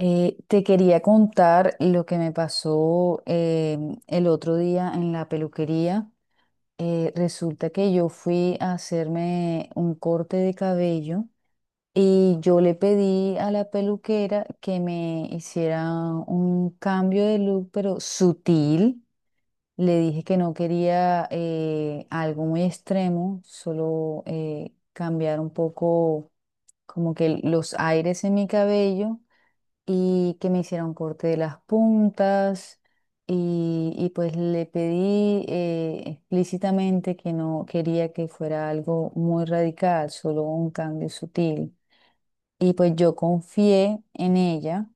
Te quería contar lo que me pasó el otro día en la peluquería. Resulta que yo fui a hacerme un corte de cabello y yo le pedí a la peluquera que me hiciera un cambio de look, pero sutil. Le dije que no quería algo muy extremo, solo cambiar un poco como que los aires en mi cabello y que me hicieron corte de las puntas y pues le pedí explícitamente que no quería que fuera algo muy radical, solo un cambio sutil. Y pues yo confié en ella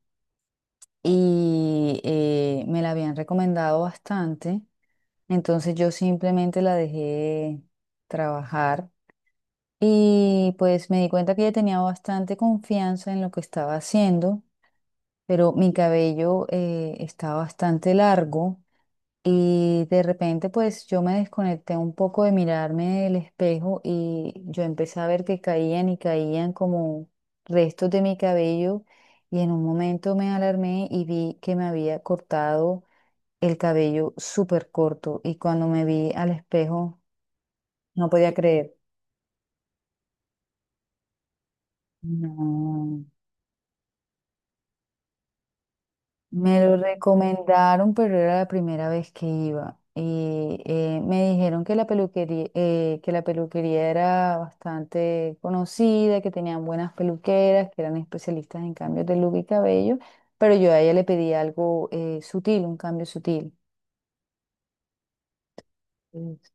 y me la habían recomendado bastante. Entonces yo simplemente la dejé trabajar y pues me di cuenta que ella tenía bastante confianza en lo que estaba haciendo, pero mi cabello está bastante largo y de repente pues yo me desconecté un poco de mirarme el espejo y yo empecé a ver que caían y caían como restos de mi cabello y en un momento me alarmé y vi que me había cortado el cabello súper corto y cuando me vi al espejo no podía creer. No. Me lo recomendaron, pero era la primera vez que iba. Y me dijeron que la peluquería, era bastante conocida, que tenían buenas peluqueras, que eran especialistas en cambios de look y cabello, pero yo a ella le pedí algo sutil, un cambio sutil. Es.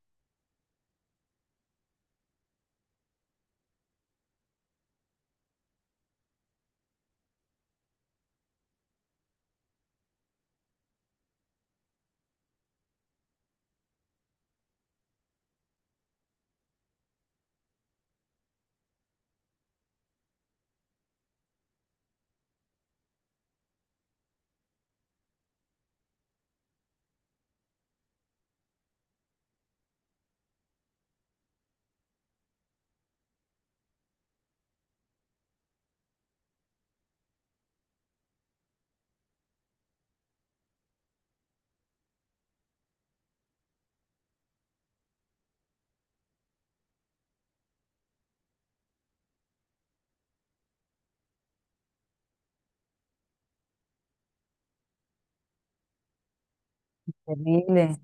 Terrible.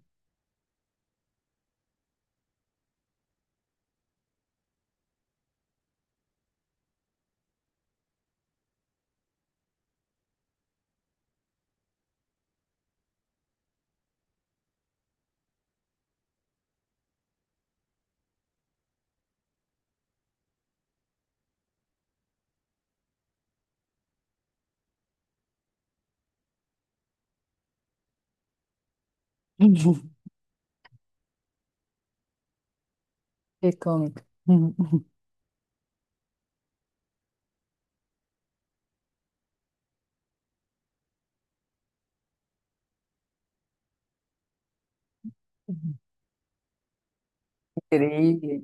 Qué cómico. Increíble.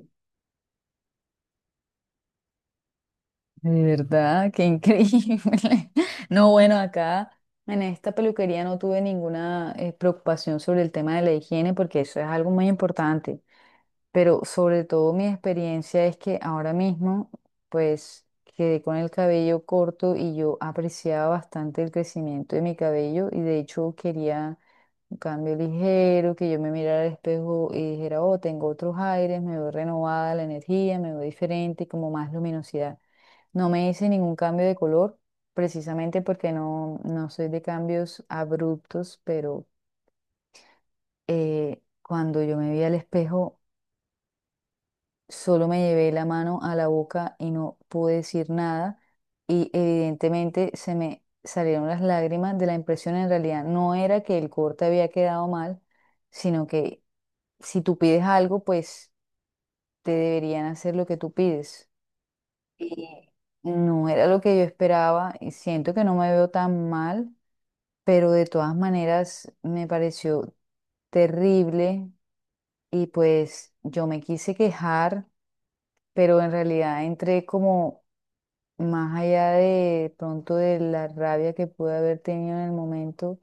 De verdad, qué increíble. No, bueno, acá en esta peluquería no tuve ninguna preocupación sobre el tema de la higiene porque eso es algo muy importante, pero sobre todo mi experiencia es que ahora mismo, pues quedé con el cabello corto y yo apreciaba bastante el crecimiento de mi cabello y de hecho quería un cambio ligero, que yo me mirara al espejo y dijera, oh, tengo otros aires, me veo renovada la energía, me veo diferente y como más luminosidad. No me hice ningún cambio de color, precisamente porque no, no soy de cambios abruptos, pero cuando yo me vi al espejo solo me llevé la mano a la boca y no pude decir nada y evidentemente se me salieron las lágrimas de la impresión. En realidad no era que el corte había quedado mal, sino que si tú pides algo, pues te deberían hacer lo que tú pides. Y no era lo que yo esperaba y siento que no me veo tan mal, pero de todas maneras me pareció terrible y pues yo me quise quejar, pero en realidad entré como más allá de pronto de la rabia que pude haber tenido en el momento,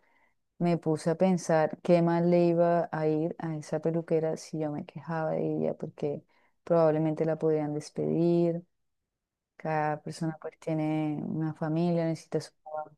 me puse a pensar qué más le iba a ir a esa peluquera si yo me quejaba de ella, porque probablemente la podían despedir, cada persona pues tiene una familia, necesita su trabajo.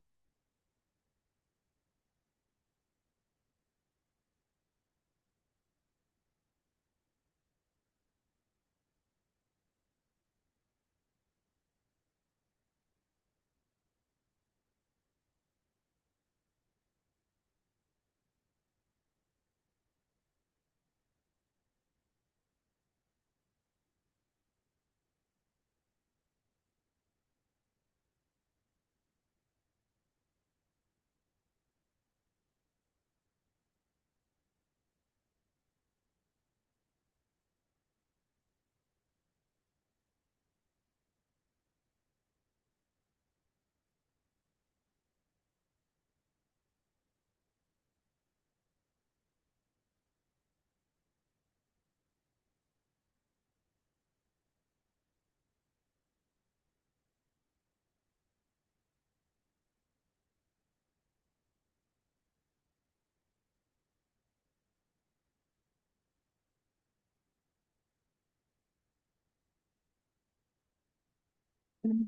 Mm.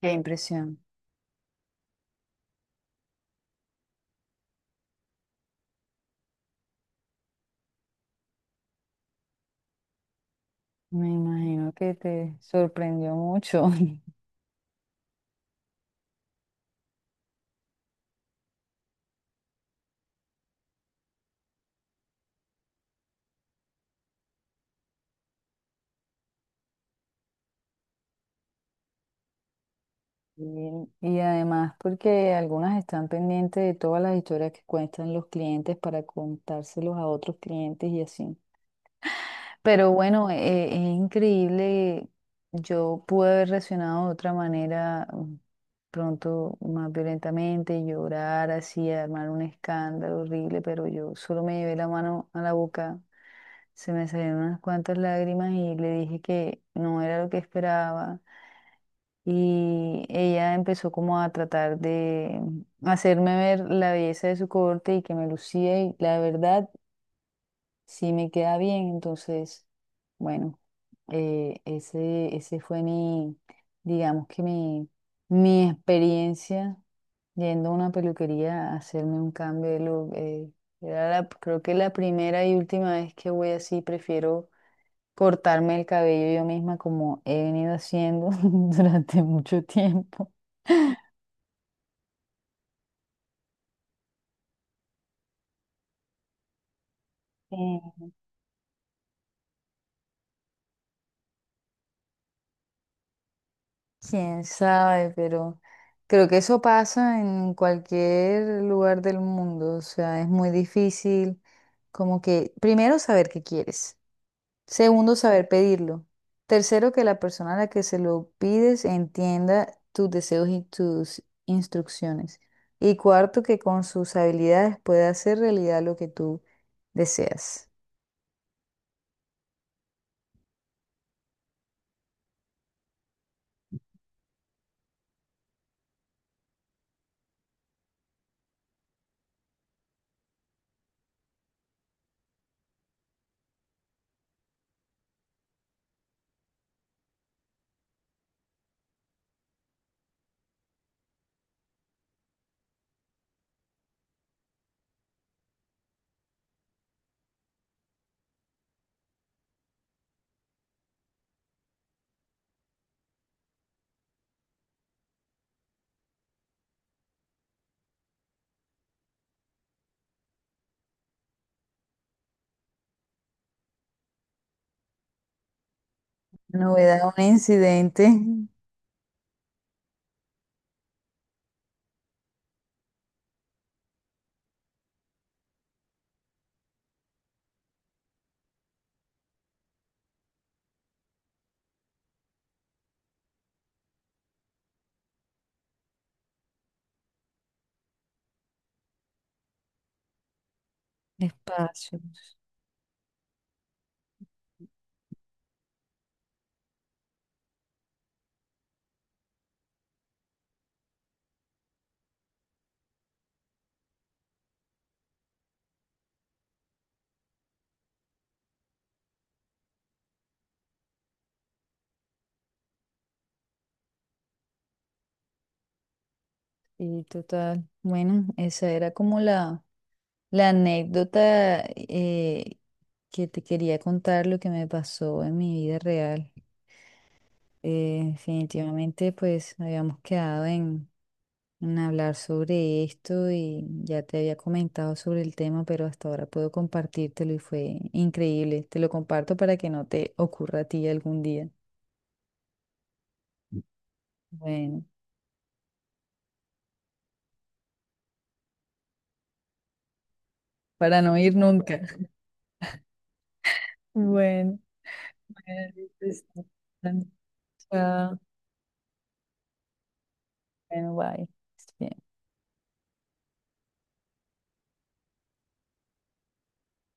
Qué impresión. Me imagino que te sorprendió mucho. Y, y además porque algunas están pendientes de todas las historias que cuentan los clientes para contárselos a otros clientes y así. Pero bueno, es increíble. Yo pude haber reaccionado de otra manera, pronto más violentamente, llorar así, armar un escándalo horrible, pero yo solo me llevé la mano a la boca, se me salieron unas cuantas lágrimas y le dije que no era lo que esperaba. Y ella empezó como a tratar de hacerme ver la belleza de su corte y que me lucía y la verdad sí me queda bien, entonces, bueno, ese fue mi, digamos que mi experiencia yendo a una peluquería a hacerme un cambio de look. Era la, creo que la primera y última vez que voy así, prefiero cortarme el cabello yo misma como he venido haciendo durante mucho tiempo. Quién sabe, pero creo que eso pasa en cualquier lugar del mundo. O sea, es muy difícil como que, primero, saber qué quieres. Segundo, saber pedirlo. Tercero, que la persona a la que se lo pides entienda tus deseos y tus instrucciones. Y cuarto, que con sus habilidades pueda hacer realidad lo que tú deseas. Novedad, un incidente. Espacios. Y total. Bueno, esa era como la la anécdota que te quería contar, lo que me pasó en mi vida real. Definitivamente pues habíamos quedado en hablar sobre esto y ya te había comentado sobre el tema, pero hasta ahora puedo compartírtelo y fue increíble. Te lo comparto para que no te ocurra a ti algún día. Bueno, para no ir nunca. Bueno, bueno, listo. Chao. Bueno, bye.